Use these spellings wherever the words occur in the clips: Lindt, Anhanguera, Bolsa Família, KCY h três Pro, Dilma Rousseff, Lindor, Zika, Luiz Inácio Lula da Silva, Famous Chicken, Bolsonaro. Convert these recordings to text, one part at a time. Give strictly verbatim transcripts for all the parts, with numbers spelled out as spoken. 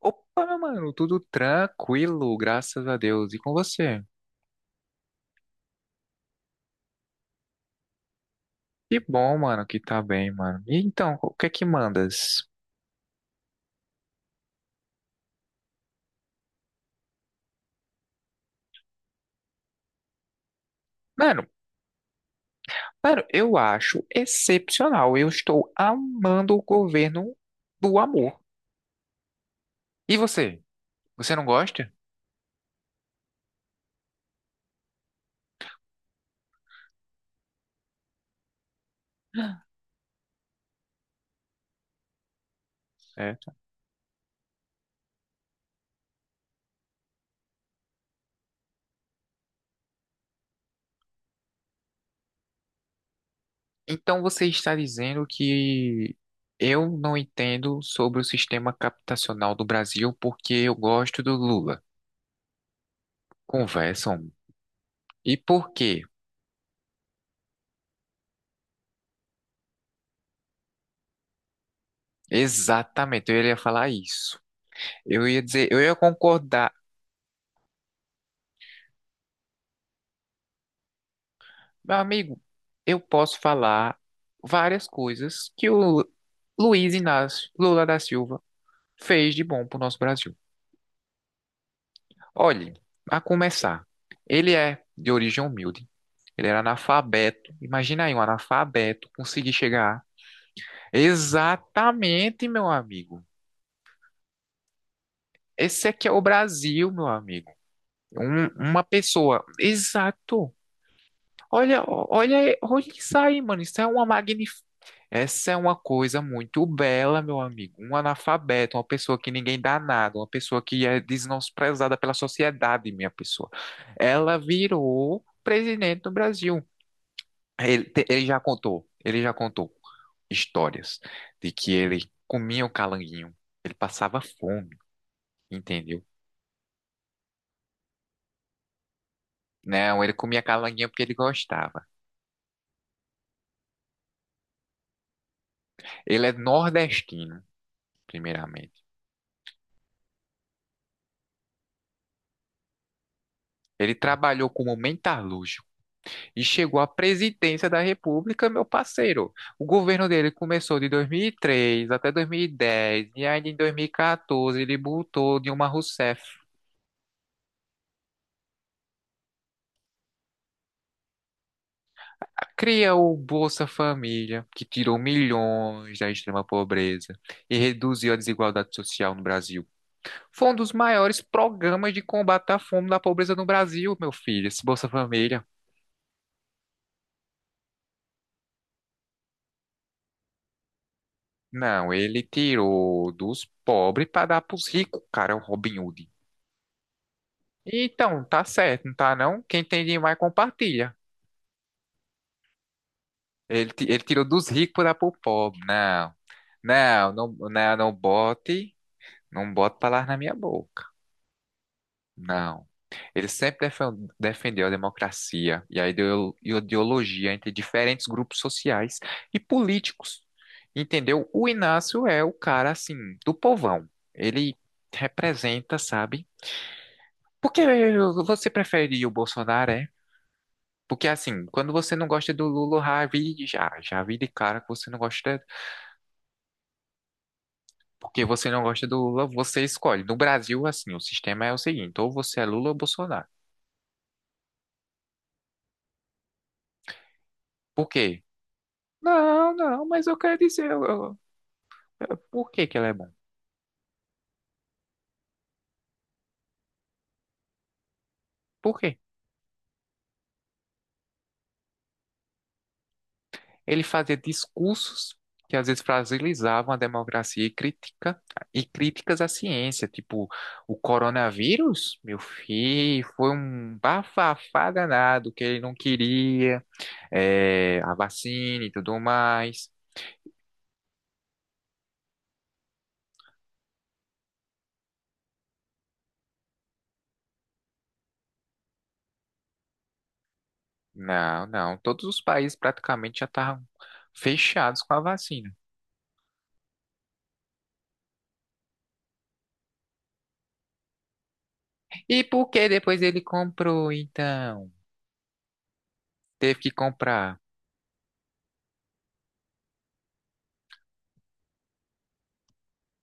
Opa, mano, tudo tranquilo, graças a Deus. E com você? Que bom, mano, que tá bem, mano. E então, o que é que mandas? Mano, mano, eu acho excepcional. Eu estou amando o governo do amor. E você? Você não gosta? Certo. Então você está dizendo que eu não entendo sobre o sistema captacional do Brasil porque eu gosto do Lula. Conversam. E por quê? Exatamente, eu iria falar isso. Eu ia dizer, eu ia concordar. Meu amigo, eu posso falar várias coisas que o Luiz Inácio Lula da Silva fez de bom pro nosso Brasil. Olhe, a começar, ele é de origem humilde, ele era analfabeto. Imagina aí um analfabeto conseguir chegar. Exatamente, meu amigo. Esse aqui é o Brasil, meu amigo. Um- uma pessoa, exato. Olha, olha, olha isso aí, mano. Isso é uma magnificência. Essa é uma coisa muito bela, meu amigo. Um analfabeto, uma pessoa que ninguém dá nada, uma pessoa que é desprezada pela sociedade, minha pessoa. Ela virou presidente do Brasil. Ele, te- ele já contou, ele já contou histórias de que ele comia o calanguinho, ele passava fome, entendeu? Não, ele comia calanguinho porque ele gostava. Ele é nordestino, primeiramente. Ele trabalhou como metalúrgico e chegou à presidência da República, meu parceiro. O governo dele começou de dois mil e três até dois mil e dez, e dez, e ainda em dois mil e quatorze ele botou Dilma Rousseff. Cria o Bolsa Família, que tirou milhões da extrema pobreza e reduziu a desigualdade social no Brasil. Foi um dos maiores programas de combate à fome e da pobreza no Brasil, meu filho, esse Bolsa Família. Não, ele tirou dos pobres para dar para os ricos, cara, é o Robin Hood. Então, tá certo, não tá não? Quem tem demais compartilha. Ele, ti- ele tirou dos ricos para pro pobre. Não, não, não, não, não bote, não bote palavras na minha boca. Não. Ele sempre defen- defendeu a democracia e a ideo- ideologia entre diferentes grupos sociais e políticos. Entendeu? O Inácio é o cara, assim, do povão. Ele representa, sabe? Porque você prefere o Bolsonaro? é Porque assim, quando você não gosta do Lula, já vi, já, já vi de cara que você não gosta, porque você não gosta do Lula, você escolhe. No Brasil, assim, o sistema é o seguinte, ou você é Lula ou Bolsonaro. Por quê? Não, não, mas eu quero dizer, eu- eu- eu- por que que ele é bom? Por quê? Ele fazia discursos que às vezes fragilizavam a democracia e crítica, e críticas à ciência, tipo, o coronavírus, meu filho, foi um bafafá danado que ele não queria é, a vacina e tudo mais. Não, não. Todos os países praticamente já estavam fechados com a vacina. E por que depois ele comprou, então? Teve que comprar.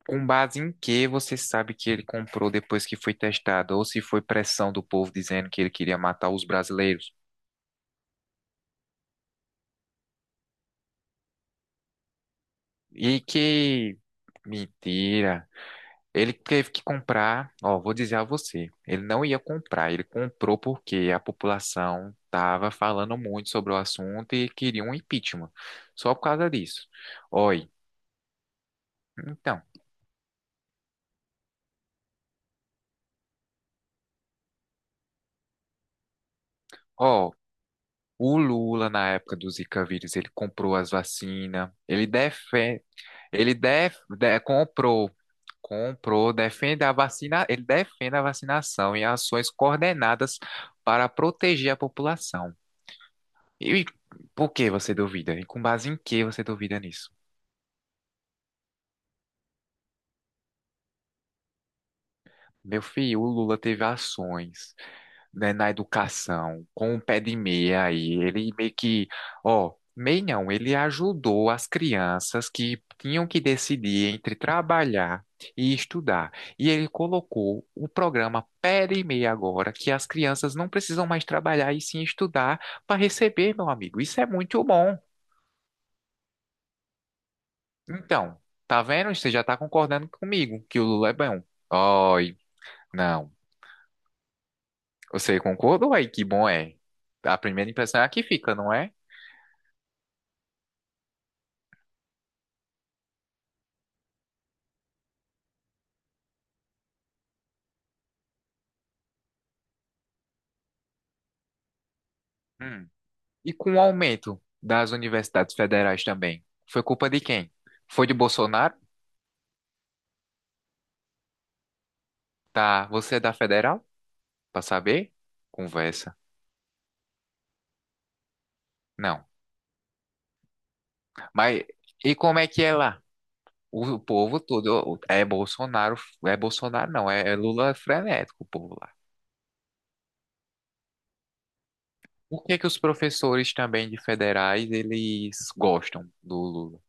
Com base em que você sabe que ele comprou depois que foi testado? Ou se foi pressão do povo dizendo que ele queria matar os brasileiros? E que. Mentira. Ele teve que comprar, ó, vou dizer a você, ele não ia comprar, ele comprou porque a população estava falando muito sobre o assunto e queria um impeachment, só por causa disso. Oi, então, ó, o Lula na época do Zika vírus, ele comprou as vacinas, ele defende, ele def, de- comprou, comprou, defende a vacina, ele defende a vacinação e ações coordenadas para proteger a população. E por que você duvida? E com base em que você duvida nisso? Meu filho, o Lula teve ações, né, na educação, com o pé de meia aí. Ele meio que, ó, meio não, ele ajudou as crianças que tinham que decidir entre trabalhar e estudar. E ele colocou o programa pé de meia agora, que as crianças não precisam mais trabalhar e sim estudar para receber, meu amigo. Isso é muito bom. Então, tá vendo? Você já tá concordando comigo que o Lula é bom. Oi, não. Você concordou aí que bom é? A primeira impressão é a que fica, não é? Hum. E com o aumento das universidades federais também, foi culpa de quem? Foi de Bolsonaro? Tá, você é da federal? Pra saber? Conversa. Não. Mas e como é que é lá? O povo todo é Bolsonaro, é Bolsonaro não, é Lula frenético, o povo. Por que que os professores também de federais, eles gostam do Lula?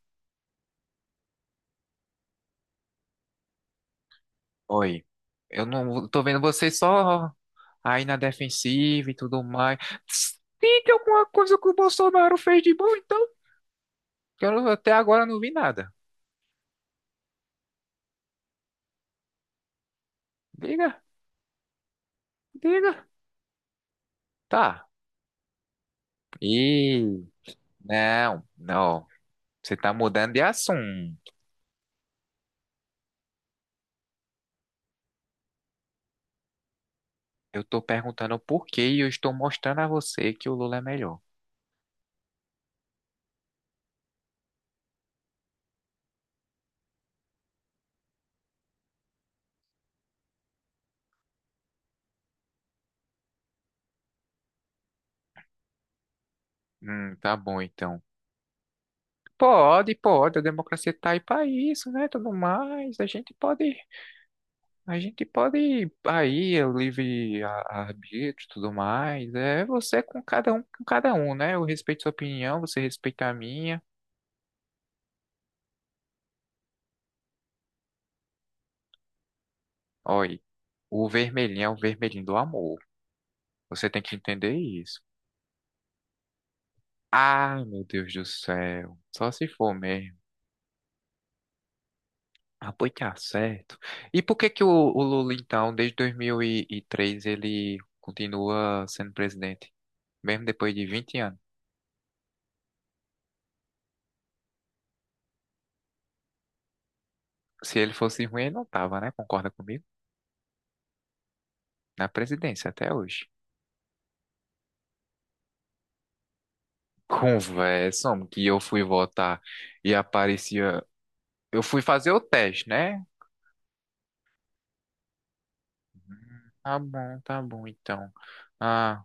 Oi, eu não tô vendo você só aí na defensiva e tudo mais. Tem alguma coisa que o Bolsonaro fez de bom, então? Que eu não- Até agora não vi nada. Diga, diga. Tá. E não, não. Você tá mudando de assunto. Eu tô perguntando por que e eu estou mostrando a você que o Lula é melhor. Hum, tá bom então. Pode, pode, a democracia está aí para isso, né? Tudo mais, a gente pode, a gente pode aí o livre a- arbítrio, tudo mais. É você com cada um, com cada um, né? Eu respeito sua opinião, você respeita a minha. Olha, o vermelhinho é o vermelhinho do amor. Você tem que entender isso. Ai, meu Deus do céu. Só se for mesmo. Ah, pois tá certo. E por que que o, o Lula, então, desde dois mil e três, ele continua sendo presidente? Mesmo depois de vinte anos. Se ele fosse ruim, ele não tava, né? Concorda comigo? Na presidência até hoje. Conversa, homem, que eu fui votar e aparecia. Eu fui fazer o teste, né? Hum, Tá bom, tá bom, então. Ah,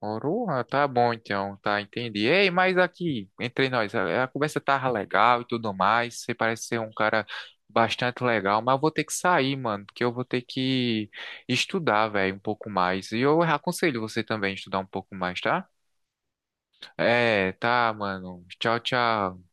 Oroa, tá bom, então, tá, entendi. Ei, mas aqui, entre nós, a, a conversa tava legal e tudo mais. Você parece ser um cara bastante legal, mas eu vou ter que sair, mano, porque eu vou ter que estudar, velho, um pouco mais. E eu aconselho você também a estudar um pouco mais, tá? É, tá, mano. Tchau, tchau.